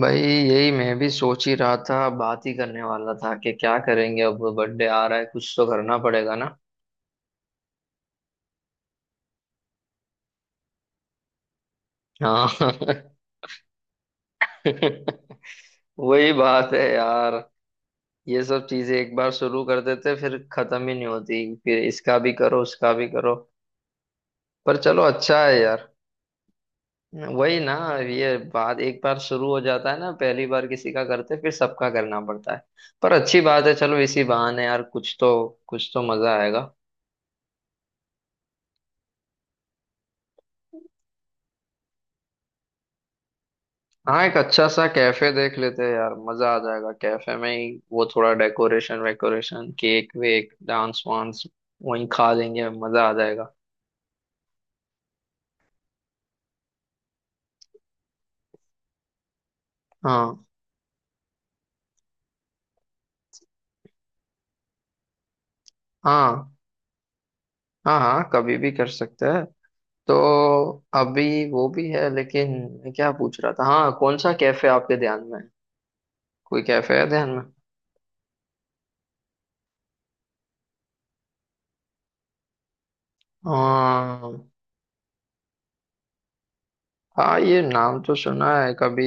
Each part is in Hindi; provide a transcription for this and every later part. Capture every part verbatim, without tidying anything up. भाई यही मैं भी सोच ही रहा था बात ही करने वाला था कि क्या करेंगे अब बर्थडे आ रहा है कुछ तो करना पड़ेगा ना। हाँ। वही बात है यार। ये सब चीजें एक बार शुरू कर देते फिर खत्म ही नहीं होती फिर इसका भी करो उसका भी करो। पर चलो अच्छा है यार। वही ना। ये बात एक बार शुरू हो जाता है ना पहली बार किसी का करते फिर सबका करना पड़ता है। पर अच्छी बात है चलो इसी बहाने यार कुछ तो कुछ तो मजा आएगा। हाँ एक अच्छा सा कैफे देख लेते हैं यार मजा आ जाएगा कैफे में ही वो थोड़ा डेकोरेशन वेकोरेशन केक वेक डांस वांस वहीं खा लेंगे मजा आ जाएगा। हाँ हाँ हाँ हाँ कभी भी कर सकते हैं। तो अभी वो भी है लेकिन मैं क्या पूछ रहा था हाँ कौन सा कैफे आपके ध्यान में है। कोई कैफे है ध्यान में। हाँ हाँ ये नाम तो सुना है कभी।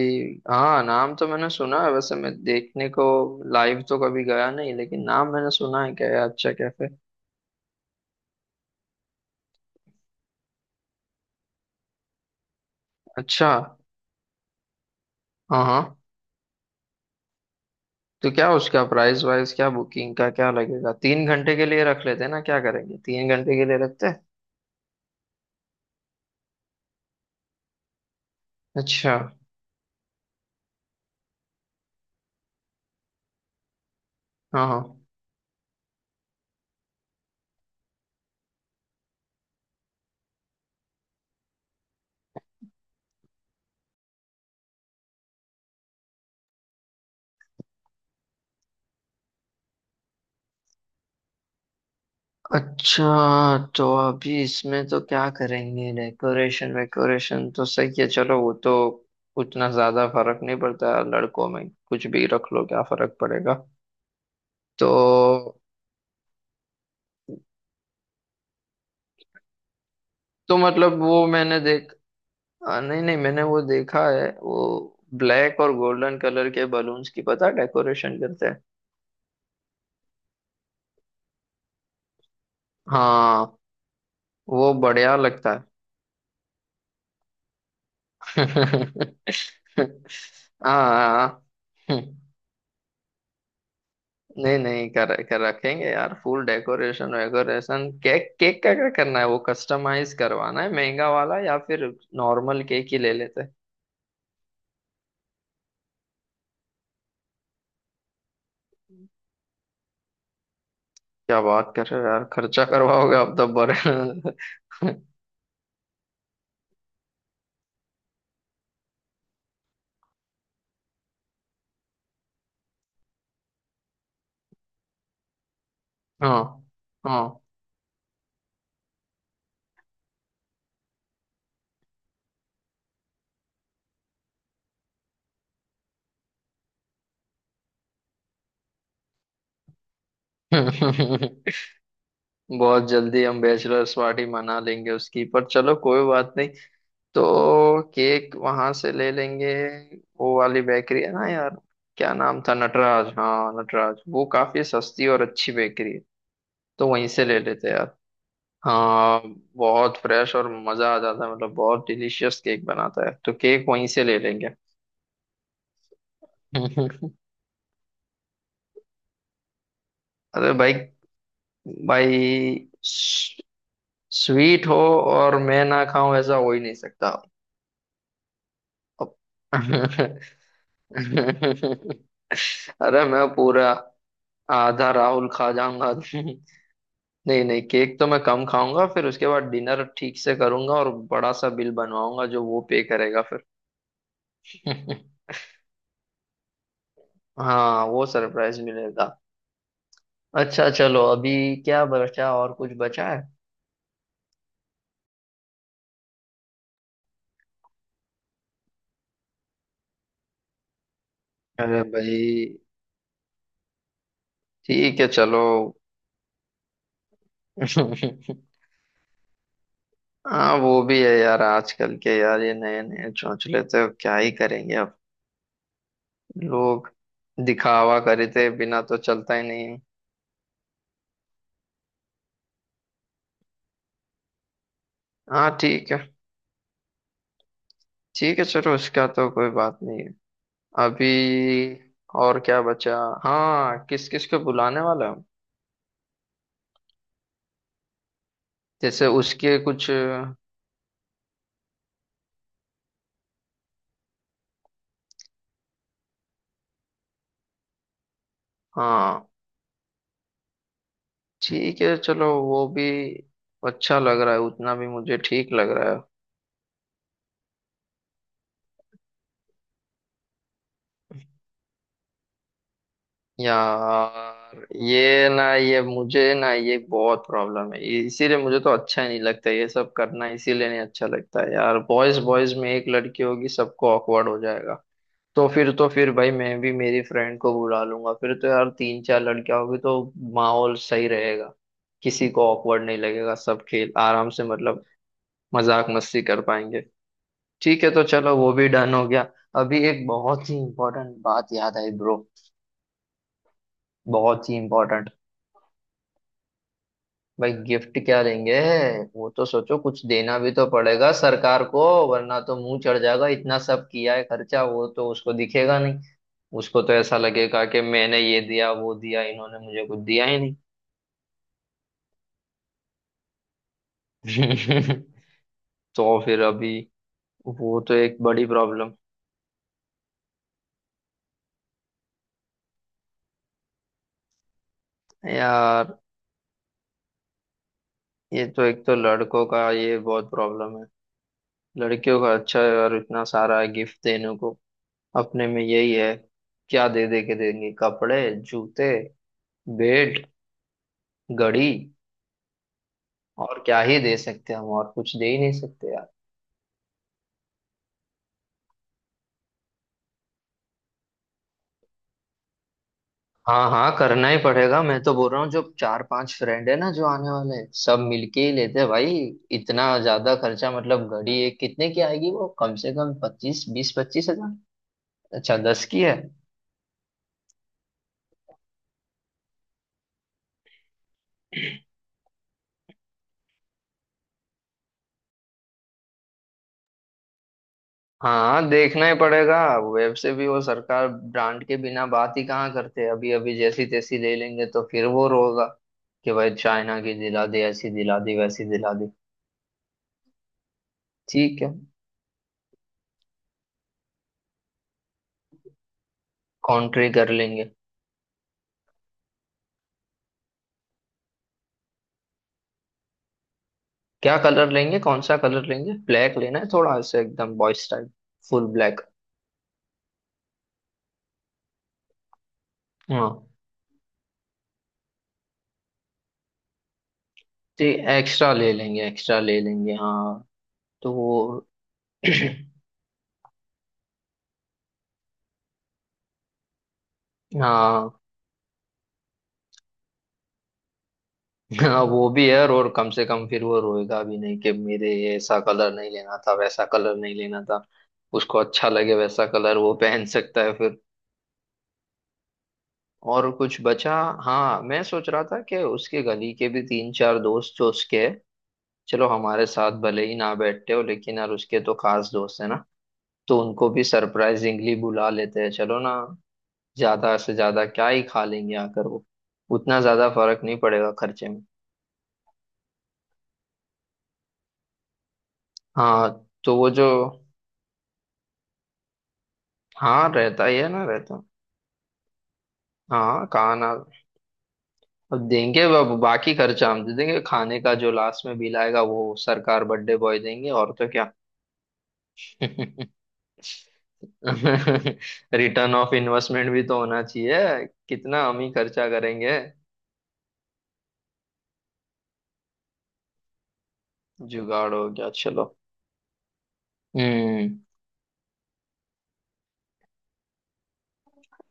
हाँ नाम तो मैंने सुना है वैसे मैं देखने को लाइव तो कभी गया नहीं लेकिन नाम मैंने सुना है क्या ये अच्छा कैफे। अच्छा। हाँ हाँ। तो क्या उसका प्राइस वाइस क्या बुकिंग का क्या लगेगा तीन घंटे के लिए रख लेते हैं ना क्या करेंगे तीन घंटे के लिए रखते हैं। अच्छा। हाँ हाँ। अच्छा तो अभी इसमें तो क्या करेंगे डेकोरेशन वेकोरेशन तो सही है चलो वो तो उतना ज्यादा फर्क नहीं पड़ता लड़कों में कुछ भी रख लो क्या फर्क पड़ेगा। तो तो मतलब वो मैंने देख आ, नहीं नहीं मैंने वो देखा है वो ब्लैक और गोल्डन कलर के बलून्स की पता डेकोरेशन करते हैं। हाँ वो बढ़िया लगता है। हाँ नहीं नहीं कर, कर रखेंगे यार फुल डेकोरेशन वेकोरेशन केक केक का क्या करना है वो कस्टमाइज करवाना है महंगा वाला या फिर नॉर्मल केक ही ले लेते हैं। क्या बात कर रहे हो यार खर्चा करवाओगे आप तो बड़े। हाँ हाँ बहुत जल्दी हम बैचलर्स पार्टी मना लेंगे उसकी पर चलो कोई बात नहीं। तो केक वहां से ले लेंगे। वो वाली बेकरी है ना यार। क्या नाम था नटराज हाँ नटराज वो काफी सस्ती और अच्छी बेकरी है। तो वहीं से ले लेते हैं यार। हाँ बहुत फ्रेश और मजा आ जाता है मतलब बहुत डिलीशियस केक बनाता है तो केक वहीं से ले लेंगे। अरे भाई भाई स्वीट हो। और मैं ना खाऊं ऐसा हो ही नहीं सकता। अब अरे मैं पूरा आधा राहुल खा जाऊंगा नहीं नहीं केक तो मैं कम खाऊंगा फिर उसके बाद डिनर ठीक से करूंगा और बड़ा सा बिल बनवाऊंगा जो वो पे करेगा फिर। हाँ वो सरप्राइज मिलेगा। अच्छा चलो अभी क्या बचा और कुछ बचा है। अरे भाई। ठीक है चलो। हाँ वो भी है यार आजकल के यार ये नए नए चौंचले तो क्या ही करेंगे अब लोग दिखावा करे थे बिना तो चलता ही नहीं है। हाँ। ठीक है ठीक है चलो उसका तो कोई बात नहीं है। अभी और क्या बचा। हाँ किस किस को बुलाने वाला है। जैसे उसके कुछ। हाँ ठीक है चलो वो भी अच्छा लग रहा है उतना भी मुझे ठीक लग रहा है। यार ये ना ये मुझे ना ये बहुत प्रॉब्लम है ये- इसीलिए मुझे तो अच्छा ही नहीं लगता ये सब करना इसीलिए नहीं अच्छा लगता है यार बॉयज बॉयज में एक लड़की होगी सबको ऑकवर्ड हो जाएगा। तो फिर तो फिर भाई मैं भी मेरी फ्रेंड को बुला लूंगा फिर तो यार तीन चार लड़कियां होगी तो माहौल सही रहेगा। किसी को ऑकवर्ड नहीं लगेगा सब खेल आराम से मतलब मजाक मस्ती कर पाएंगे। ठीक है तो चलो वो भी डन हो गया। अभी एक बहुत ही इम्पोर्टेंट बात याद आई ब्रो। बहुत ही इम्पोर्टेंट। भाई गिफ्ट क्या देंगे। वो तो सोचो कुछ देना भी तो पड़ेगा सरकार को। वरना तो मुंह चढ़ जाएगा इतना सब किया है खर्चा वो तो उसको दिखेगा नहीं। उसको तो ऐसा लगेगा कि मैंने ये दिया वो दिया इन्होंने मुझे कुछ दिया ही नहीं। तो फिर अभी वो तो एक बड़ी प्रॉब्लम। यार ये तो एक तो लड़कों का ये बहुत प्रॉब्लम है। लड़कियों का अच्छा है यार इतना सारा है गिफ्ट देने को। अपने में यही है। क्या दे दे के देंगे कपड़े जूते बेड गड़ी और क्या ही दे सकते हैं हम और कुछ दे ही नहीं सकते यार। हाँ हाँ करना ही पड़ेगा मैं तो बोल रहा हूँ जो चार पांच फ्रेंड है ना जो आने वाले हैं सब मिलके ही लेते हैं भाई। इतना ज्यादा खर्चा मतलब घड़ी एक कितने की आएगी वो कम से कम पच्चीस बीस पच्चीस हजार। अच्छा दस की है। हाँ देखना ही पड़ेगा। वेब से भी वो सरकार ब्रांड के बिना बात ही कहाँ करते हैं अभी अभी जैसी तैसी ले लेंगे तो फिर वो रोगा कि भाई चाइना की दिला दे ऐसी दिला दी वैसी दिला दी। ठीक है कॉन्ट्री कर लेंगे। क्या कलर लेंगे कौन सा कलर लेंगे ब्लैक लेना है थोड़ा से एकदम बॉयज टाइप फुल ब्लैक। हाँ जी एक्स्ट्रा ले लेंगे एक्स्ट्रा ले लेंगे हाँ। तो वो हाँ हाँ वो भी है और कम से कम फिर वो रोएगा भी नहीं कि मेरे ये ऐसा कलर नहीं लेना था वैसा कलर नहीं लेना था। उसको अच्छा लगे वैसा कलर वो पहन सकता है फिर। और कुछ बचा। हाँ मैं सोच रहा था कि उसके गली के भी तीन चार दोस्त जो उसके हैं, चलो हमारे साथ भले ही ना बैठते हो लेकिन यार उसके तो खास दोस्त है ना। तो उनको भी सरप्राइजिंगली बुला लेते हैं चलो ना। ज्यादा से ज्यादा क्या ही खा लेंगे आकर वो उतना ज्यादा फर्क नहीं पड़ेगा खर्चे में। हाँ तो वो जो। हाँ रहता ही है ना रहता। हाँ खाना अब देंगे अब बाकी खर्चा हम दे देंगे खाने का जो लास्ट में बिल आएगा वो सरकार बर्थडे बॉय देंगे और तो क्या। रिटर्न ऑफ इन्वेस्टमेंट भी तो होना चाहिए कितना हम ही खर्चा करेंगे। जुगाड़ हो गया चलो। हम्म।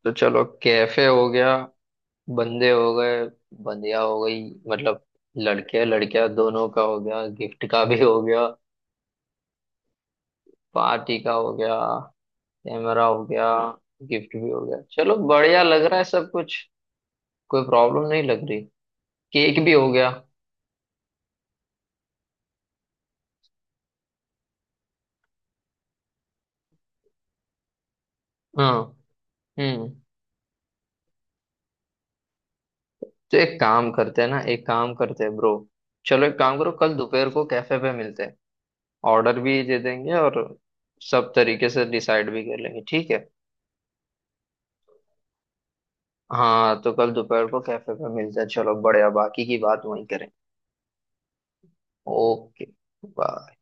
तो चलो कैफे हो गया। बंदे हो गए। बंदिया हो गई मतलब लड़के लड़कियां दोनों का हो गया गिफ्ट का भी हो गया। पार्टी का हो गया। कैमरा हो गया। गिफ्ट भी हो गया चलो बढ़िया लग रहा है सब कुछ। कोई प्रॉब्लम नहीं लग रही। केक भी हो गया। हाँ हम्म। तो एक काम करते हैं ना एक काम करते हैं ब्रो। चलो एक काम करो कल दोपहर को कैफे पे मिलते हैं। ऑर्डर भी दे देंगे और सब तरीके से डिसाइड भी कर लेंगे ठीक है। हाँ तो कल दोपहर को कैफे पे मिलते हैं चलो बढ़िया बाकी की बात वहीं करें। Okay bye.